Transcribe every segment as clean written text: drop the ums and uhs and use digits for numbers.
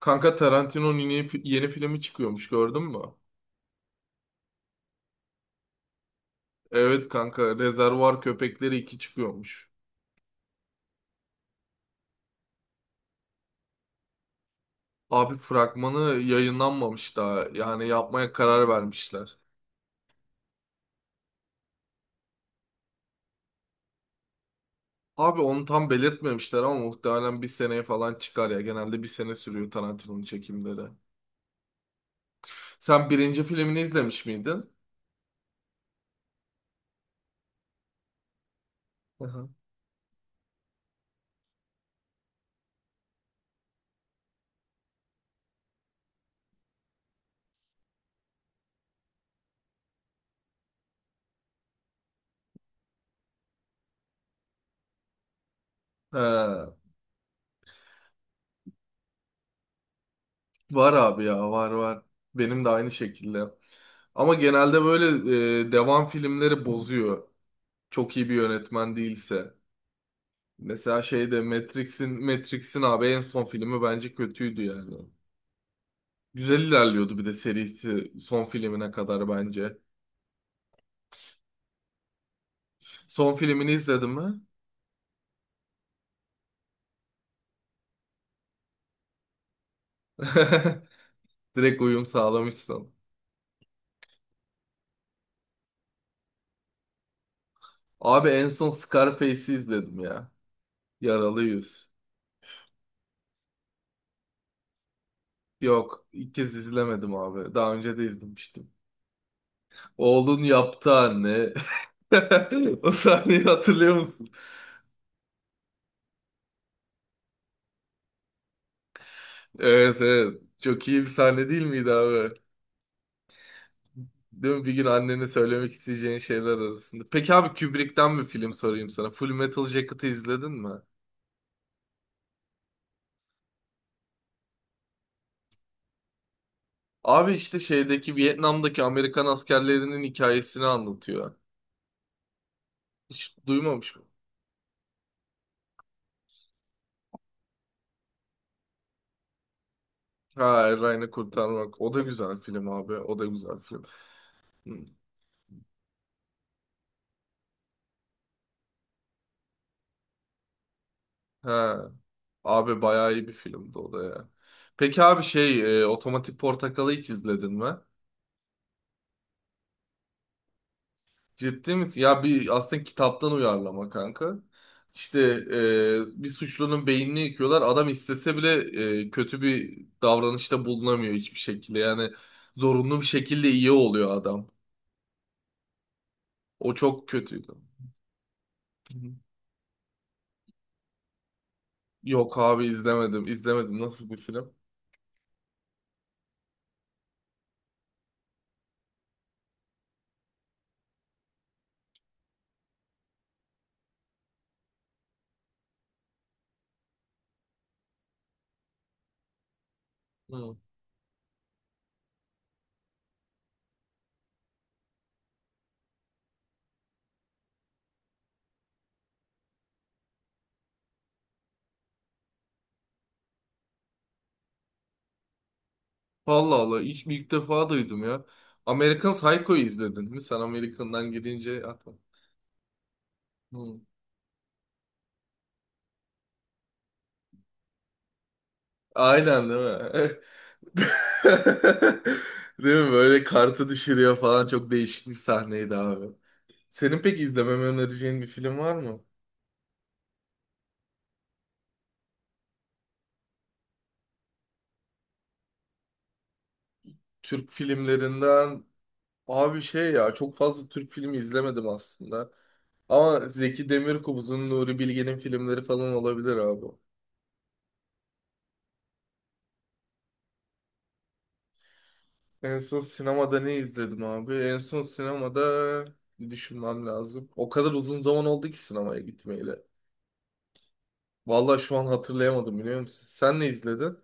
Kanka Tarantino'nun yeni filmi çıkıyormuş gördün mü? Evet kanka Rezervuar Köpekleri 2 çıkıyormuş. Abi fragmanı yayınlanmamış daha. Yani yapmaya karar vermişler. Abi onu tam belirtmemişler ama muhtemelen bir seneye falan çıkar ya. Genelde bir sene sürüyor Tarantino'nun çekimleri. Sen birinci filmini izlemiş miydin? Aha. He, var abi ya, var. Benim de aynı şekilde. Ama genelde böyle devam filmleri bozuyor. Çok iyi bir yönetmen değilse. Mesela şeyde Matrix'in abi en son filmi bence kötüydü yani. Güzel ilerliyordu bir de serisi son filmine kadar bence. Son filmini izledin mi? Direkt uyum sağlamışsın. Abi en son Scarface'i izledim ya. Yaralı Yüz. Yok, ilk kez izlemedim abi. Daha önce de izlemiştim. Oğlun yaptı anne. O sahneyi hatırlıyor musun? Evet, evet. Çok iyi bir sahne değil miydi abi? Değil mi? Bir gün annene söylemek isteyeceğin şeyler arasında. Peki abi Kubrick'ten bir film sorayım sana. Full Metal Jacket'ı izledin mi? Abi işte şeydeki Vietnam'daki Amerikan askerlerinin hikayesini anlatıyor. Hiç duymamış mı? Ha, Ryan'ı kurtarmak. O da güzel film abi. O da güzel film. Hı. Ha, abi bayağı iyi bir filmdi o da ya. Peki abi şey Otomatik Portakal'ı hiç izledin mi? Ciddi misin? Ya bir aslında kitaptan uyarlama kanka. İşte bir suçlunun beynini yıkıyorlar. Adam istese bile kötü bir davranışta bulunamıyor hiçbir şekilde. Yani zorunlu bir şekilde iyi oluyor adam. O çok kötüydü. Hı hı. Yok abi izlemedim. İzlemedim. Nasıl bir film? Hı. Allah Allah. İlk defa duydum ya. American Psycho'yu izledin mi? Sen American'dan girince aklıma. Hı. Aynen değil mi? Değil mi? Böyle kartı düşürüyor falan, çok değişik bir sahneydi abi. Senin peki izlememi önereceğin bir film var mı? Türk filmlerinden abi şey ya, çok fazla Türk filmi izlemedim aslında. Ama Zeki Demirkubuz'un, Nuri Bilge'nin filmleri falan olabilir abi. En son sinemada ne izledim abi? En son sinemada bir düşünmem lazım. O kadar uzun zaman oldu ki sinemaya gitmeyeli. Vallahi şu an hatırlayamadım, biliyor musun? Sen ne izledin?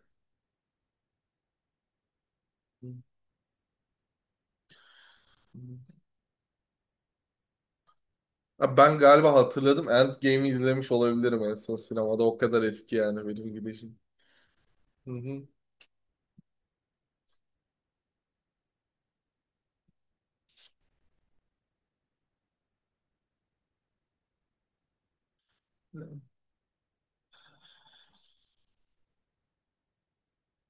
Ha, ben galiba hatırladım. Endgame'i izlemiş olabilirim en son sinemada. O kadar eski yani benim gidişim. Hı hı.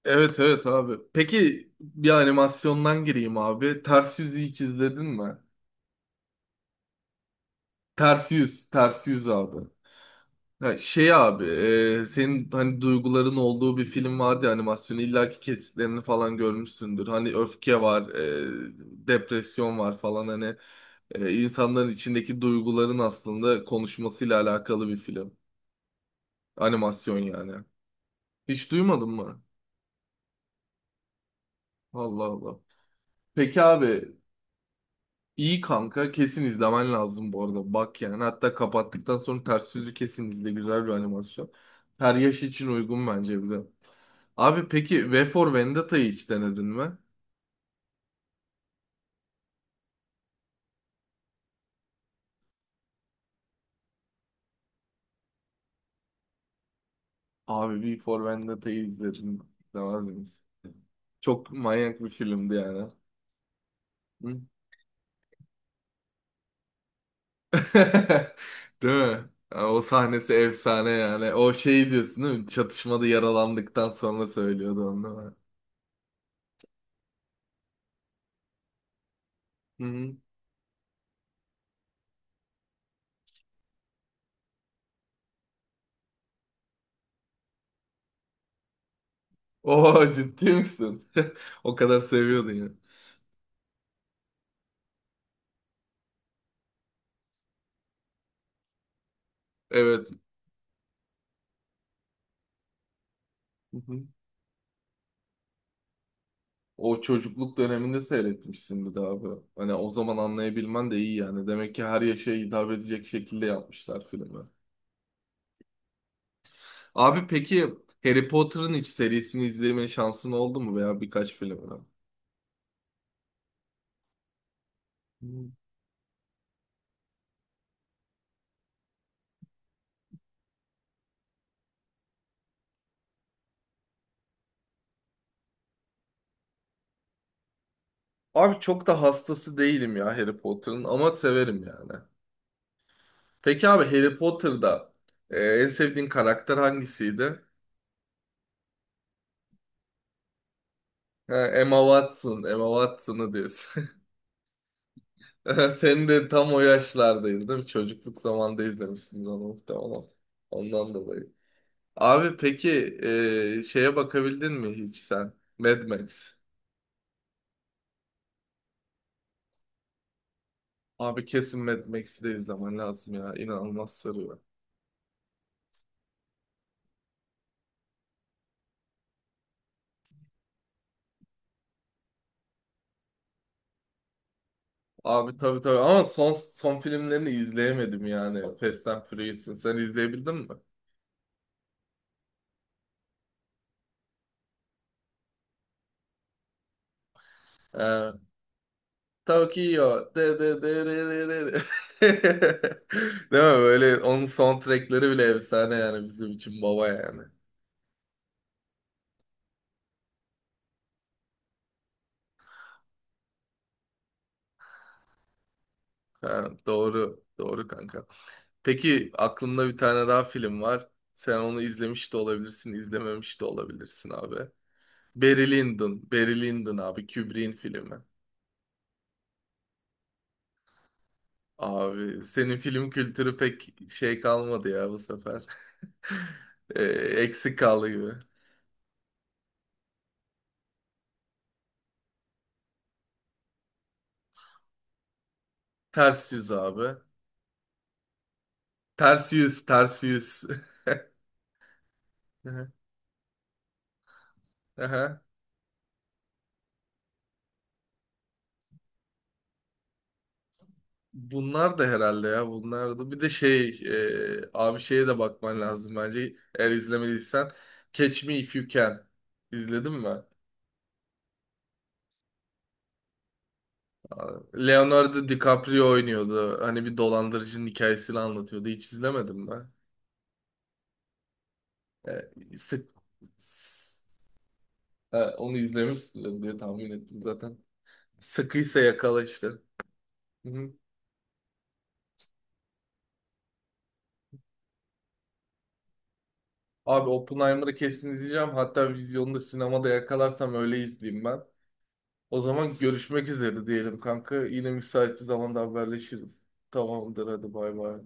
Evet, evet abi. Peki bir animasyondan gireyim abi. Ters Yüz'ü hiç izledin mi? Ters Yüz, Ters Yüz abi. Ha, şey abi, senin hani duyguların olduğu bir film vardı ya animasyonu. İllaki kesitlerini falan görmüşsündür. Hani öfke var, depresyon var falan, hani insanların içindeki duyguların aslında konuşmasıyla alakalı bir film. Animasyon yani. Hiç duymadın mı? Allah Allah. Peki abi iyi kanka, kesin izlemen lazım bu arada. Bak yani, hatta kapattıktan sonra ters yüzü kesin izle, güzel bir animasyon. Her yaş için uygun bence bir de. Abi peki V for Vendetta'yı hiç denedin mi? Abi V for Vendetta'yı izledim. Demez miyiz? Çok manyak bir filmdi yani. Hı? Değil mi? Yani o sahnesi efsane yani. O şey diyorsun değil mi? Çatışmada yaralandıktan sonra söylüyordu onu değil mi? Hı-hı. Oo, ciddi misin? O kadar seviyordun ya. Evet. Hı-hı. O çocukluk döneminde seyretmişsin bir daha bu. Hani o zaman anlayabilmen de iyi yani. Demek ki her yaşa hitap edecek şekilde yapmışlar filmi. Abi peki Harry Potter'ın hiç serisini izleme şansın oldu mu veya birkaç filmini? Abi çok da hastası değilim ya Harry Potter'ın, ama severim yani. Peki abi Harry Potter'da en sevdiğin karakter hangisiydi? Ha, Emma Watson'ı diyorsun. Sen de tam o yaşlardaydın değil mi? Çocukluk zamanında izlemişsin onu muhtemelen. Ondan dolayı. Abi peki şeye bakabildin mi hiç sen? Mad Max. Abi kesin Mad Max'i de izlemen lazım ya. İnanılmaz sarıyor. Abi tabii, tabii, ama son filmlerini izleyemedim yani. Fast and Furious'ın. Sen izleyebildin mi? Ee, Tokyo. De de de de de de. De. Değil mi? Böyle onun soundtrackleri bile efsane yani, bizim için baba yani. Ha, doğru. Doğru kanka. Peki aklımda bir tane daha film var. Sen onu izlemiş de olabilirsin, izlememiş de olabilirsin abi. Barry Lyndon. Barry Lyndon abi. Kubrick'in filmi. Abi senin film kültürü pek şey kalmadı ya bu sefer. Ee, eksik kaldı gibi. Ters yüz abi. Ters yüz. Aha. Aha. Bunlar da herhalde ya, bunlar da. Bir de şey abi şeye de bakman lazım bence. Eğer izlemediysen Catch Me If You Can. İzledin mi? Abi, Leonardo DiCaprio oynuyordu. Hani bir dolandırıcının hikayesini anlatıyordu. Hiç izlemedim ben. E, sık- Ha, onu izlemişsindir diye tahmin ettim zaten. Sıkıysa yakala işte. Hı hı. Abi Oppenheimer'ı kesin izleyeceğim. Hatta vizyonda sinemada yakalarsam öyle izleyeyim ben. O zaman görüşmek üzere diyelim kanka. Yine müsait bir zamanda haberleşiriz. Tamamdır, hadi bay bay.